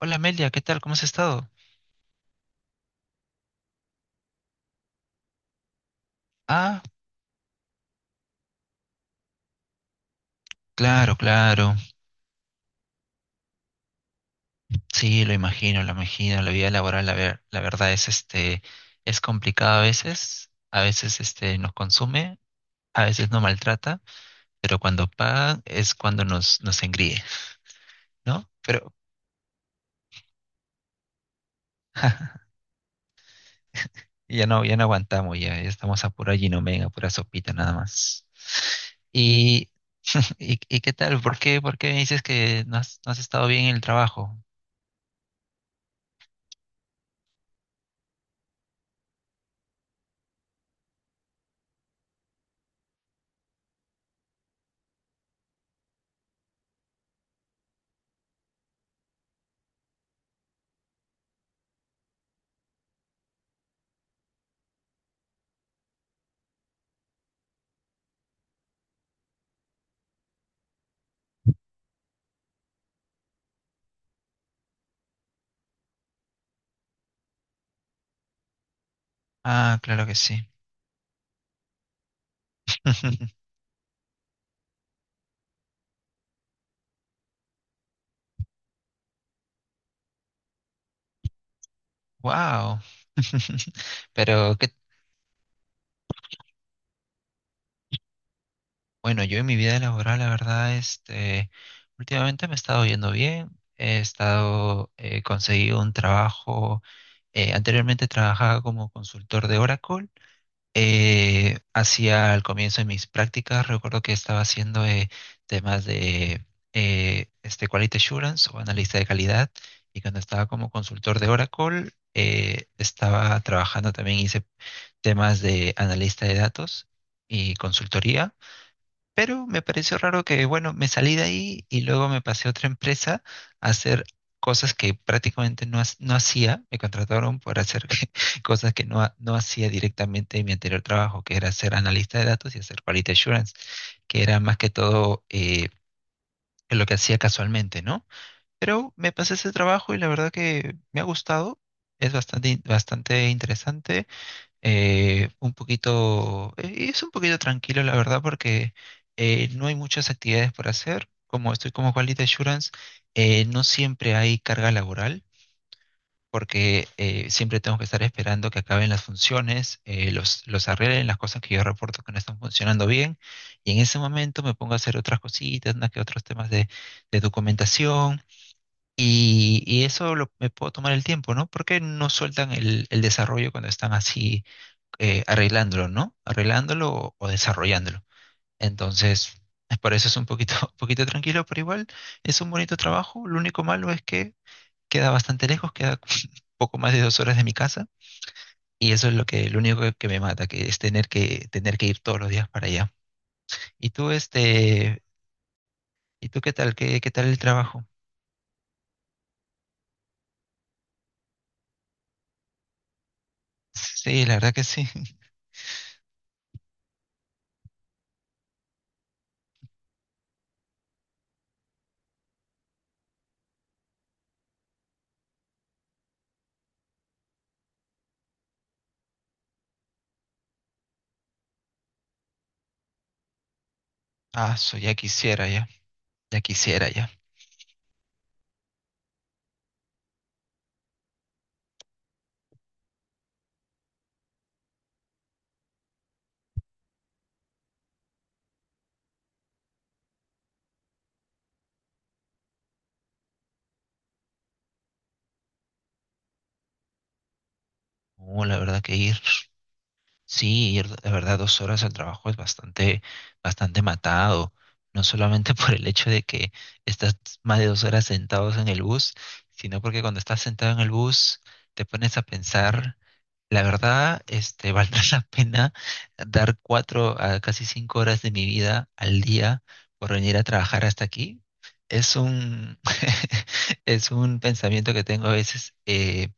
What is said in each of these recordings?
Hola Amelia, ¿qué tal? ¿Cómo has estado? Ah, claro, claro. Sí, lo imagino, lo imagino. La vida laboral, la verdad es es complicada a veces. A veces nos consume, a veces nos maltrata, pero cuando pagan es cuando nos engríe, ¿no? Pero ya no, ya no aguantamos, ya, ya estamos a pura ginomega, a pura sopita nada más. Y, y ¿qué tal? ¿Por qué me dices que no has estado bien en el trabajo? Ah, claro que sí. Wow. Pero que, bueno, yo en mi vida laboral, la verdad, últimamente me he estado yendo bien. He estado, conseguí un trabajo. Anteriormente trabajaba como consultor de Oracle. Hacía al comienzo de mis prácticas, recuerdo que estaba haciendo temas de quality assurance o analista de calidad. Y cuando estaba como consultor de Oracle, estaba trabajando también, hice temas de analista de datos y consultoría, pero me pareció raro que, bueno, me salí de ahí y luego me pasé a otra empresa a hacer cosas que prácticamente no hacía, me contrataron por hacer cosas que no hacía directamente en mi anterior trabajo, que era ser analista de datos y hacer quality assurance, que era más que todo lo que hacía casualmente, ¿no? Pero me pasé ese trabajo y la verdad que me ha gustado, es bastante interesante. Es un poquito tranquilo, la verdad, porque no hay muchas actividades por hacer. Como estoy como Quality Assurance, no siempre hay carga laboral, porque siempre tengo que estar esperando que acaben las funciones, los arreglen, las cosas que yo reporto que no están funcionando bien. Y en ese momento me pongo a hacer otras cositas, unas que otros temas de documentación. Me puedo tomar el tiempo, ¿no? Porque no sueltan el desarrollo cuando están así arreglándolo, ¿no? Arreglándolo o desarrollándolo. Entonces, es por eso es un poquito, un poquito tranquilo, pero igual es un bonito trabajo. Lo único malo es que queda bastante lejos, queda poco más de 2 horas de mi casa. Y eso es lo que, lo único que me mata, que es tener que ir todos los días para allá. ¿Y tú, este, ¿y tú qué tal? ¿Qué tal el trabajo? Sí, la verdad que sí. Ah, so, ya quisiera, ya. Ya quisiera, ya. La verdad que ir. Sí, ir, la verdad, dos horas al trabajo es bastante, bastante matado. No solamente por el hecho de que estás más de dos horas sentados en el bus, sino porque cuando estás sentado en el bus te pones a pensar, la verdad, valdrá la pena dar 4 a casi 5 horas de mi vida al día por venir a trabajar hasta aquí. Es un, es un pensamiento que tengo a veces, eh,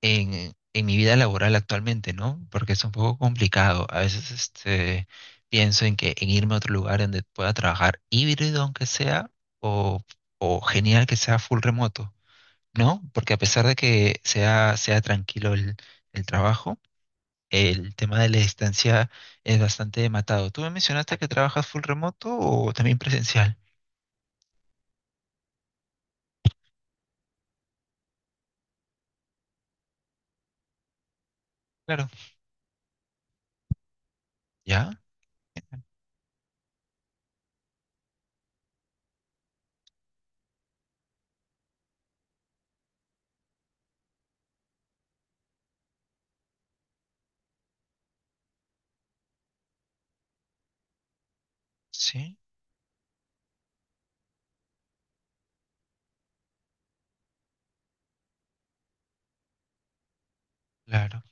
en, en mi vida laboral actualmente, ¿no? Porque es un poco complicado. A veces pienso en que en irme a otro lugar donde pueda trabajar híbrido, aunque sea, o, o genial que sea full remoto, ¿no? Porque a pesar de que sea tranquilo el trabajo, el tema de la distancia es bastante matado. ¿Tú me mencionaste que trabajas full remoto o también presencial? Claro. ¿Ya? Sí, claro.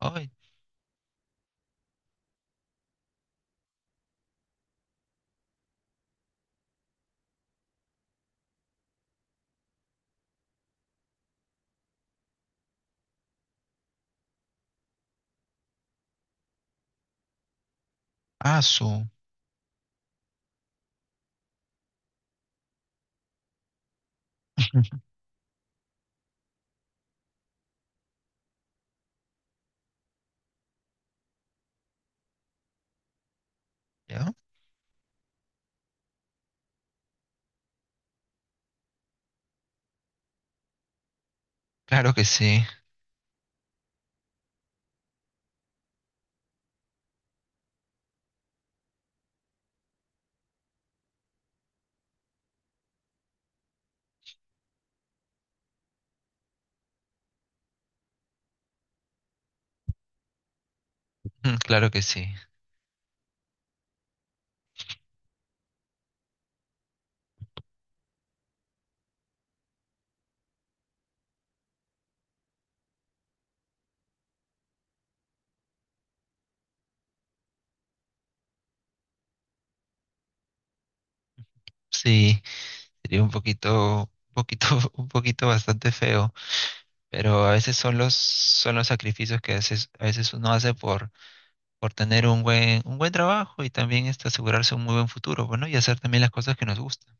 Ay, ah, su. ¿Ya? Claro que sí. Mm, claro que sí. Sí, sería un poquito, un poquito bastante feo, pero a veces son los sacrificios que a veces uno hace por tener un buen trabajo y también asegurarse un muy buen futuro, bueno, y hacer también las cosas que nos gustan.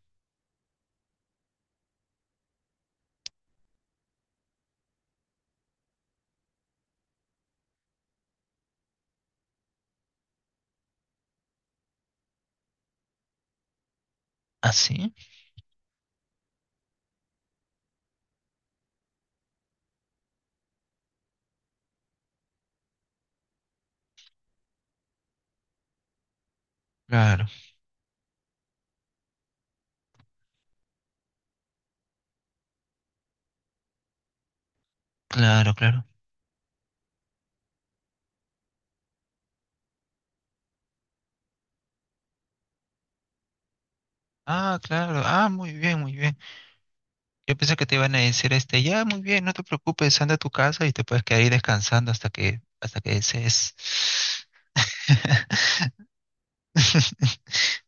¿Ah, sí? Claro, claro, claro. Ah, claro. Ah, muy bien, muy bien. Yo pensé que te iban a decir ya, muy bien, no te preocupes, anda a tu casa y te puedes quedar ahí descansando hasta que desees.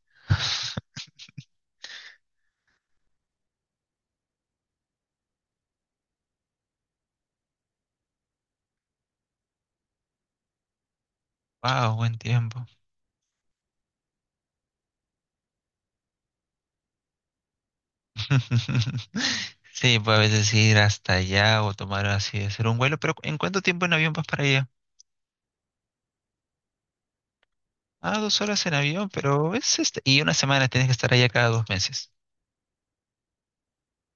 Wow, buen tiempo. Sí, pues a veces ir hasta allá o tomar así, hacer un vuelo, pero ¿en cuánto tiempo en avión vas para allá? Ah, 2 horas en avión, pero es y una semana tienes que estar allá cada 2 meses.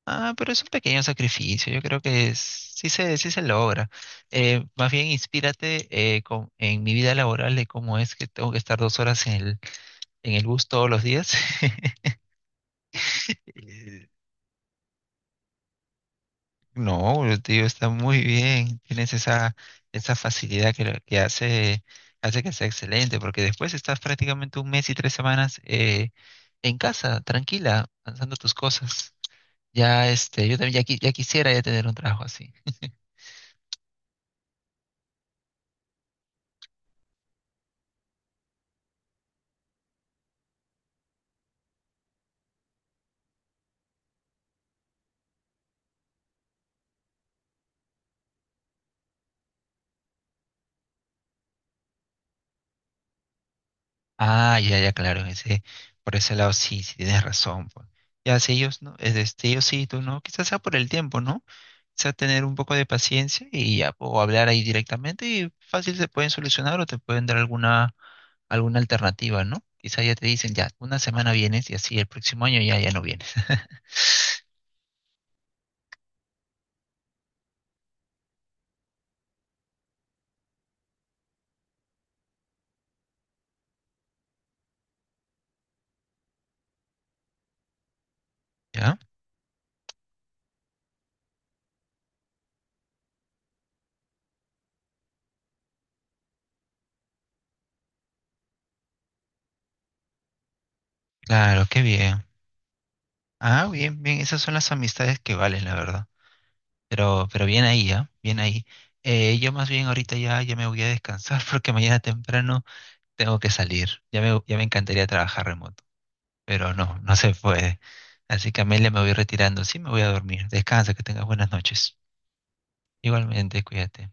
Ah, pero es un pequeño sacrificio, yo creo que sí sí se logra. Más bien inspírate en mi vida laboral de cómo es que tengo que estar 2 horas en en el bus todos los días. No, el tío está muy bien. Tienes esa, esa facilidad que, que hace, hace que sea excelente, porque después estás prácticamente un mes y 3 semanas en casa, tranquila, lanzando tus cosas. Ya, yo también ya, ya quisiera ya tener un trabajo así. Ah, ya, ya, claro, en ese, por ese lado sí, sí tienes razón, pues. Ya, si ellos no, es de ellos sí, tú no, quizás sea por el tiempo, ¿no? Quizás tener un poco de paciencia y ya, o hablar ahí directamente y fácil se pueden solucionar o te pueden dar alguna, alguna alternativa, ¿no? Quizás ya te dicen, ya, una semana vienes y así el próximo año ya, ya no vienes. ¿Ya? Claro, qué bien. Ah, bien, bien, esas son las amistades que valen, la verdad. Pero bien ahí, ¿ah? Bien ahí. Yo más bien ahorita ya, ya me voy a descansar porque mañana temprano tengo que salir. Ya me encantaría trabajar remoto, pero no, no se puede. Así que Amelia, me voy retirando. Sí, me voy a dormir. Descansa, que tengas buenas noches. Igualmente, cuídate.